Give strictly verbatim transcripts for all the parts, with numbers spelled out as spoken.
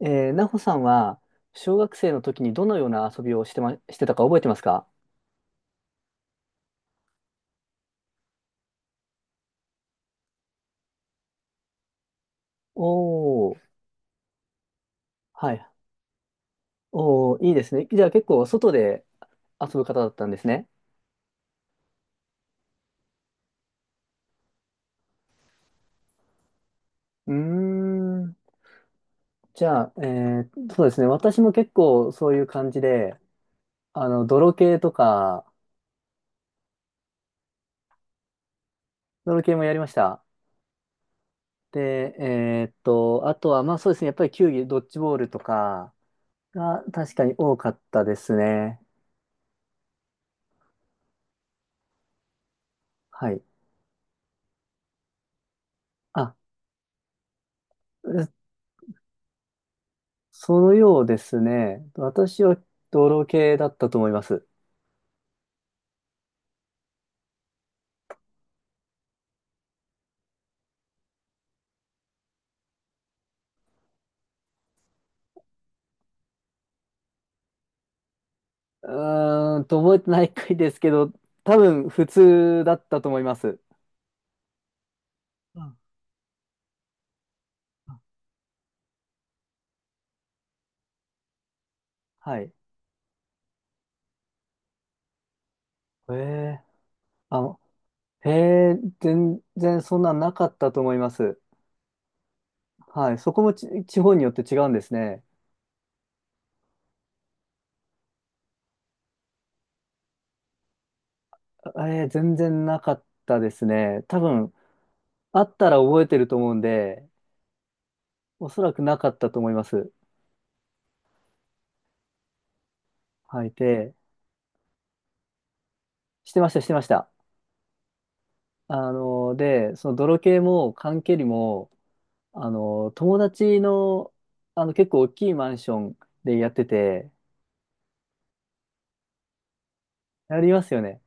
えー、なほさんは、小学生の時にどのような遊びをしてま、してたか覚えてますか？おー、はい。おー、いいですね。じゃあ結構外で遊ぶ方だったんですね。うーん。じゃあ、えー、そうですね。私も結構そういう感じで、あの、泥系とか、泥系もやりました。で、えーっと、あとは、まあそうですね。やっぱり球技、ドッジボールとかが確かに多かったですね。はい。あ、そのようですね。私は泥系だったと思います。うーんと、覚えてない回ですけど、多分普通だったと思います。うんうん、はい。へえ、あ、へえ、全然そんなんなかったと思います。はい。そこもち地方によって違うんですね。えー、全然なかったですね。多分、あったら覚えてると思うんで、おそらくなかったと思います。はい。で、してました、してました。あの、で、その泥系も缶蹴りも、あの、友達の、あの、結構大きいマンションでやってて、やりますよね。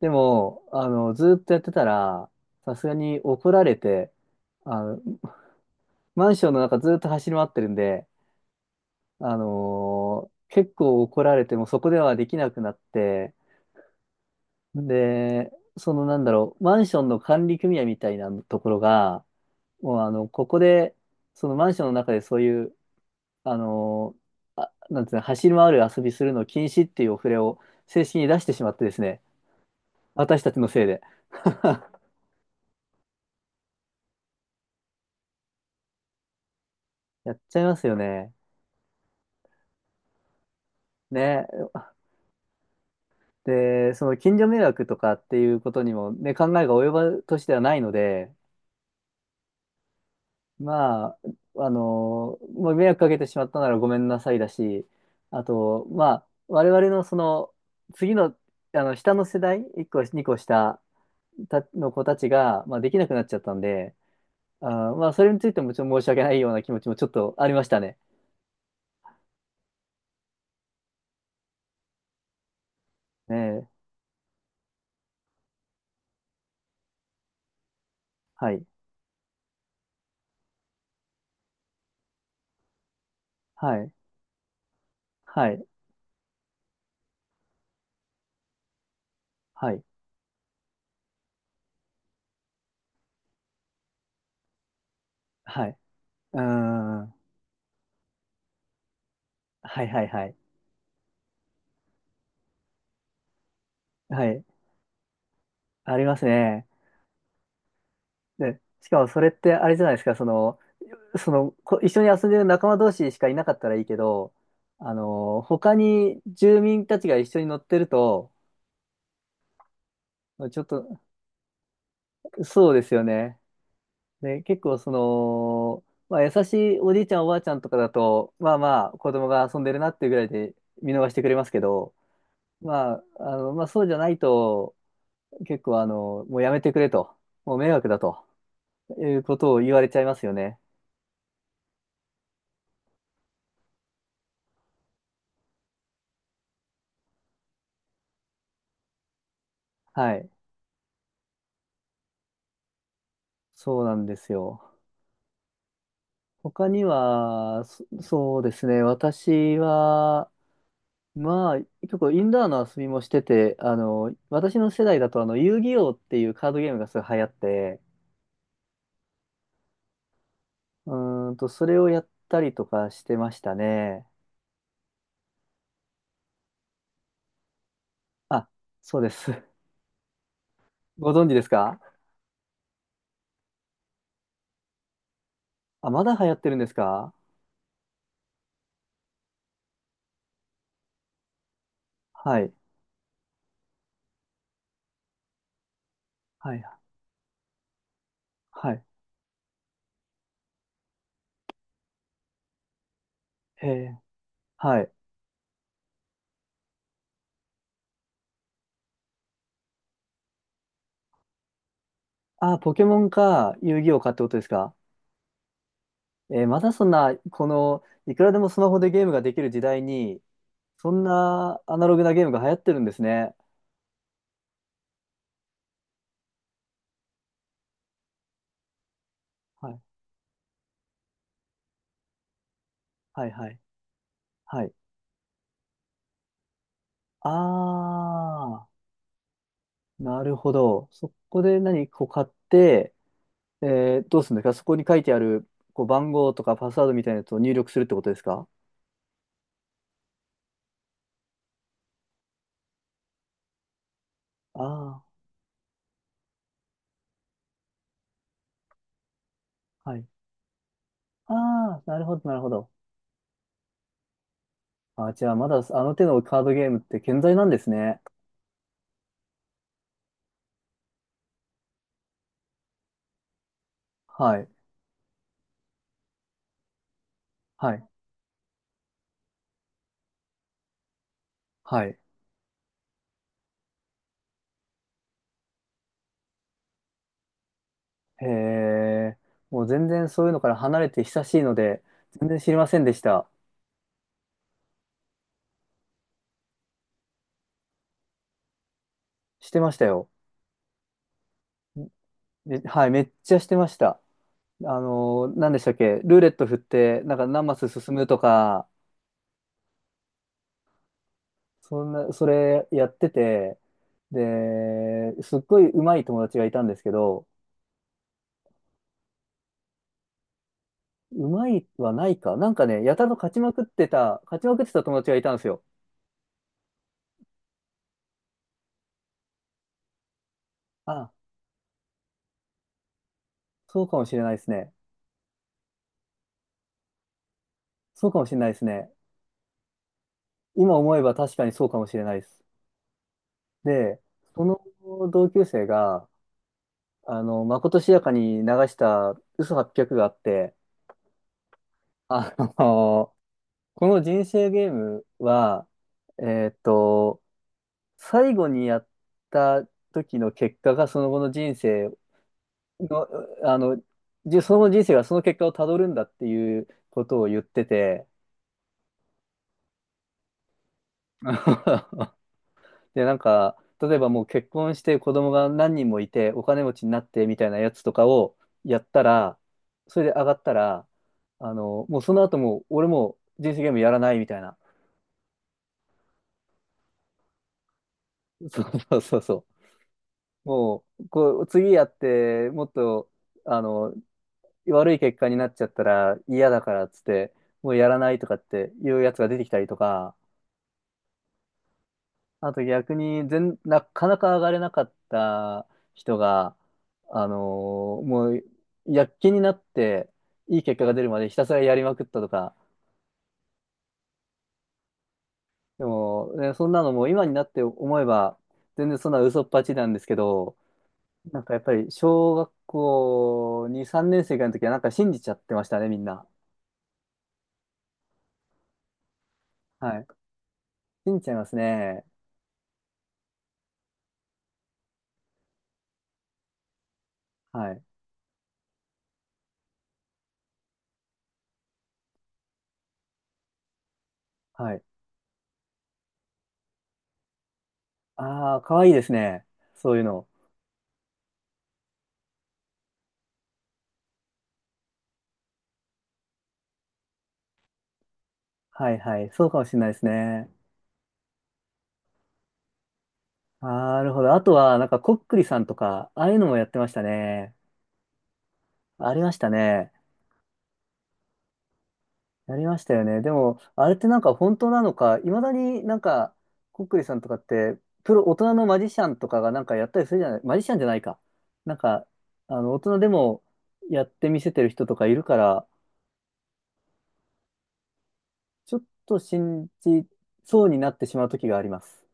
でも、あの、ずっとやってたら、さすがに怒られて、あの、マンションの中ずっと走り回ってるんで、あの結構怒られてもうそこではできなくなって、で、そのなんだろう、マンションの管理組合みたいなところが、もうあの、ここで、そのマンションの中でそういうあのあ、なんていうの、走り回る遊びするの禁止っていうお触れを正式に出してしまってですね、私たちのせいで。やっちゃいますよね。ね。で、その近所迷惑とかっていうことにもね、考えが及ぶ年ではないので、まあ、あの、まあ、迷惑かけてしまったならごめんなさいだし、あと、まあ、我々のその、次の、あの、下の世代、いっこ、にこ下たの子たちが、まあ、できなくなっちゃったんで、あー、まあ、それについてもちょっと申し訳ないような気持ちもちょっとありましたね。ええ、はい、はい、はい、はい、はい。うーん、はい、はい、はい、はい。ありますね。で、しかもそれってあれじゃないですか、その、その、こ一緒に遊んでる仲間同士しかいなかったらいいけど、あの、他に住民たちが一緒に乗ってると、ちょっと、そうですよね。で、結構その、まあ、優しいおじいちゃんおばあちゃんとかだと、まあまあ子供が遊んでるなっていうぐらいで見逃してくれますけど、まあ、あの、まあそうじゃないと、結構あの、もうやめてくれと、もう迷惑だということを言われちゃいますよね。はい。そうなんですよ。他には、そ、そうですね。私は、まあ、結構インドアの遊びもしてて、あの、私の世代だと、あの、遊戯王っていうカードゲームがすごい流行って、うーんと、それをやったりとかしてましたね。あ、そうです。ご存知ですか？あ、まだ流行ってるんですか？はい。はい。はい。えー、はい。あ、ポケモンか、遊戯王かってことですか？えー、まだそんな、この、いくらでもスマホでゲームができる時代に、そんなアナログなゲームが流行ってるんですね。はい。はい。はい。はい。あー、なるほど。そこで何こう買って、えー、どうするんですか？そこに書いてある、こう、番号とかパスワードみたいなやつを入力するってことですか？ああー、はい。ああ、なるほど、なるほど。あ、じゃあ、まだあの手のカードゲームって健在なんですね。はい、はい、はい。へえ、もう全然そういうのから離れて久しいので、全然知りませんでした。してましたよ。めはい、めっちゃしてました。あのー、何でしたっけ？ルーレット振って、なんか何マス進むとか、そんな、それやってて、で、すっごい上手い友達がいたんですけど、上手いはないか。なんかね、やたらと勝ちまくってた、勝ちまくってた友達がいたんですよ。あ、そうかもしれないですね。そうかもしれないですね。今思えば確かにそうかもしれないです。で、その同級生が、あの、まことしやかに流した嘘はち まるがあって、あの、この人生ゲームは、えーっと、最後にやった時の結果がその後の人生の、あの、じその後の人生がその結果をたどるんだっていうことを言ってて、で、なんか、例えばもう結婚して子供が何人もいてお金持ちになってみたいなやつとかをやったら、それで上がったら、あの、もうその後もう俺もう人生ゲームやらないみたいな。そうそうそうそう。もう、こう、次やって、もっと、あの、悪い結果になっちゃったら嫌だからっつって、もうやらないとかっていうやつが出てきたりとか、あと逆に全、なかなか上がれなかった人が、あのーもう、躍起になって、いい結果が出るまでひたすらやりまくったとか、でも、ね、そんなのもう今になって思えば、全然そんな嘘っぱちなんですけど、なんかやっぱり小学校に、さんねん生ぐらいの時はなんか信じちゃってましたね、みんな。はい。信じちゃいますね。はい。はい。ああ、かわいいですね。そういうの。はいはい。そうかもしれないですね。なるほど。あとは、なんか、こっくりさんとか、ああいうのもやってましたね。ありましたね。やりましたよね。でも、あれってなんか本当なのか、いまだになんか、こっくりさんとかって、プロ、大人のマジシャンとかがなんかやったりするじゃない、マジシャンじゃないか。なんか、あの、大人でもやってみせてる人とかいるから、ちょっと信じそうになってしまう時があります。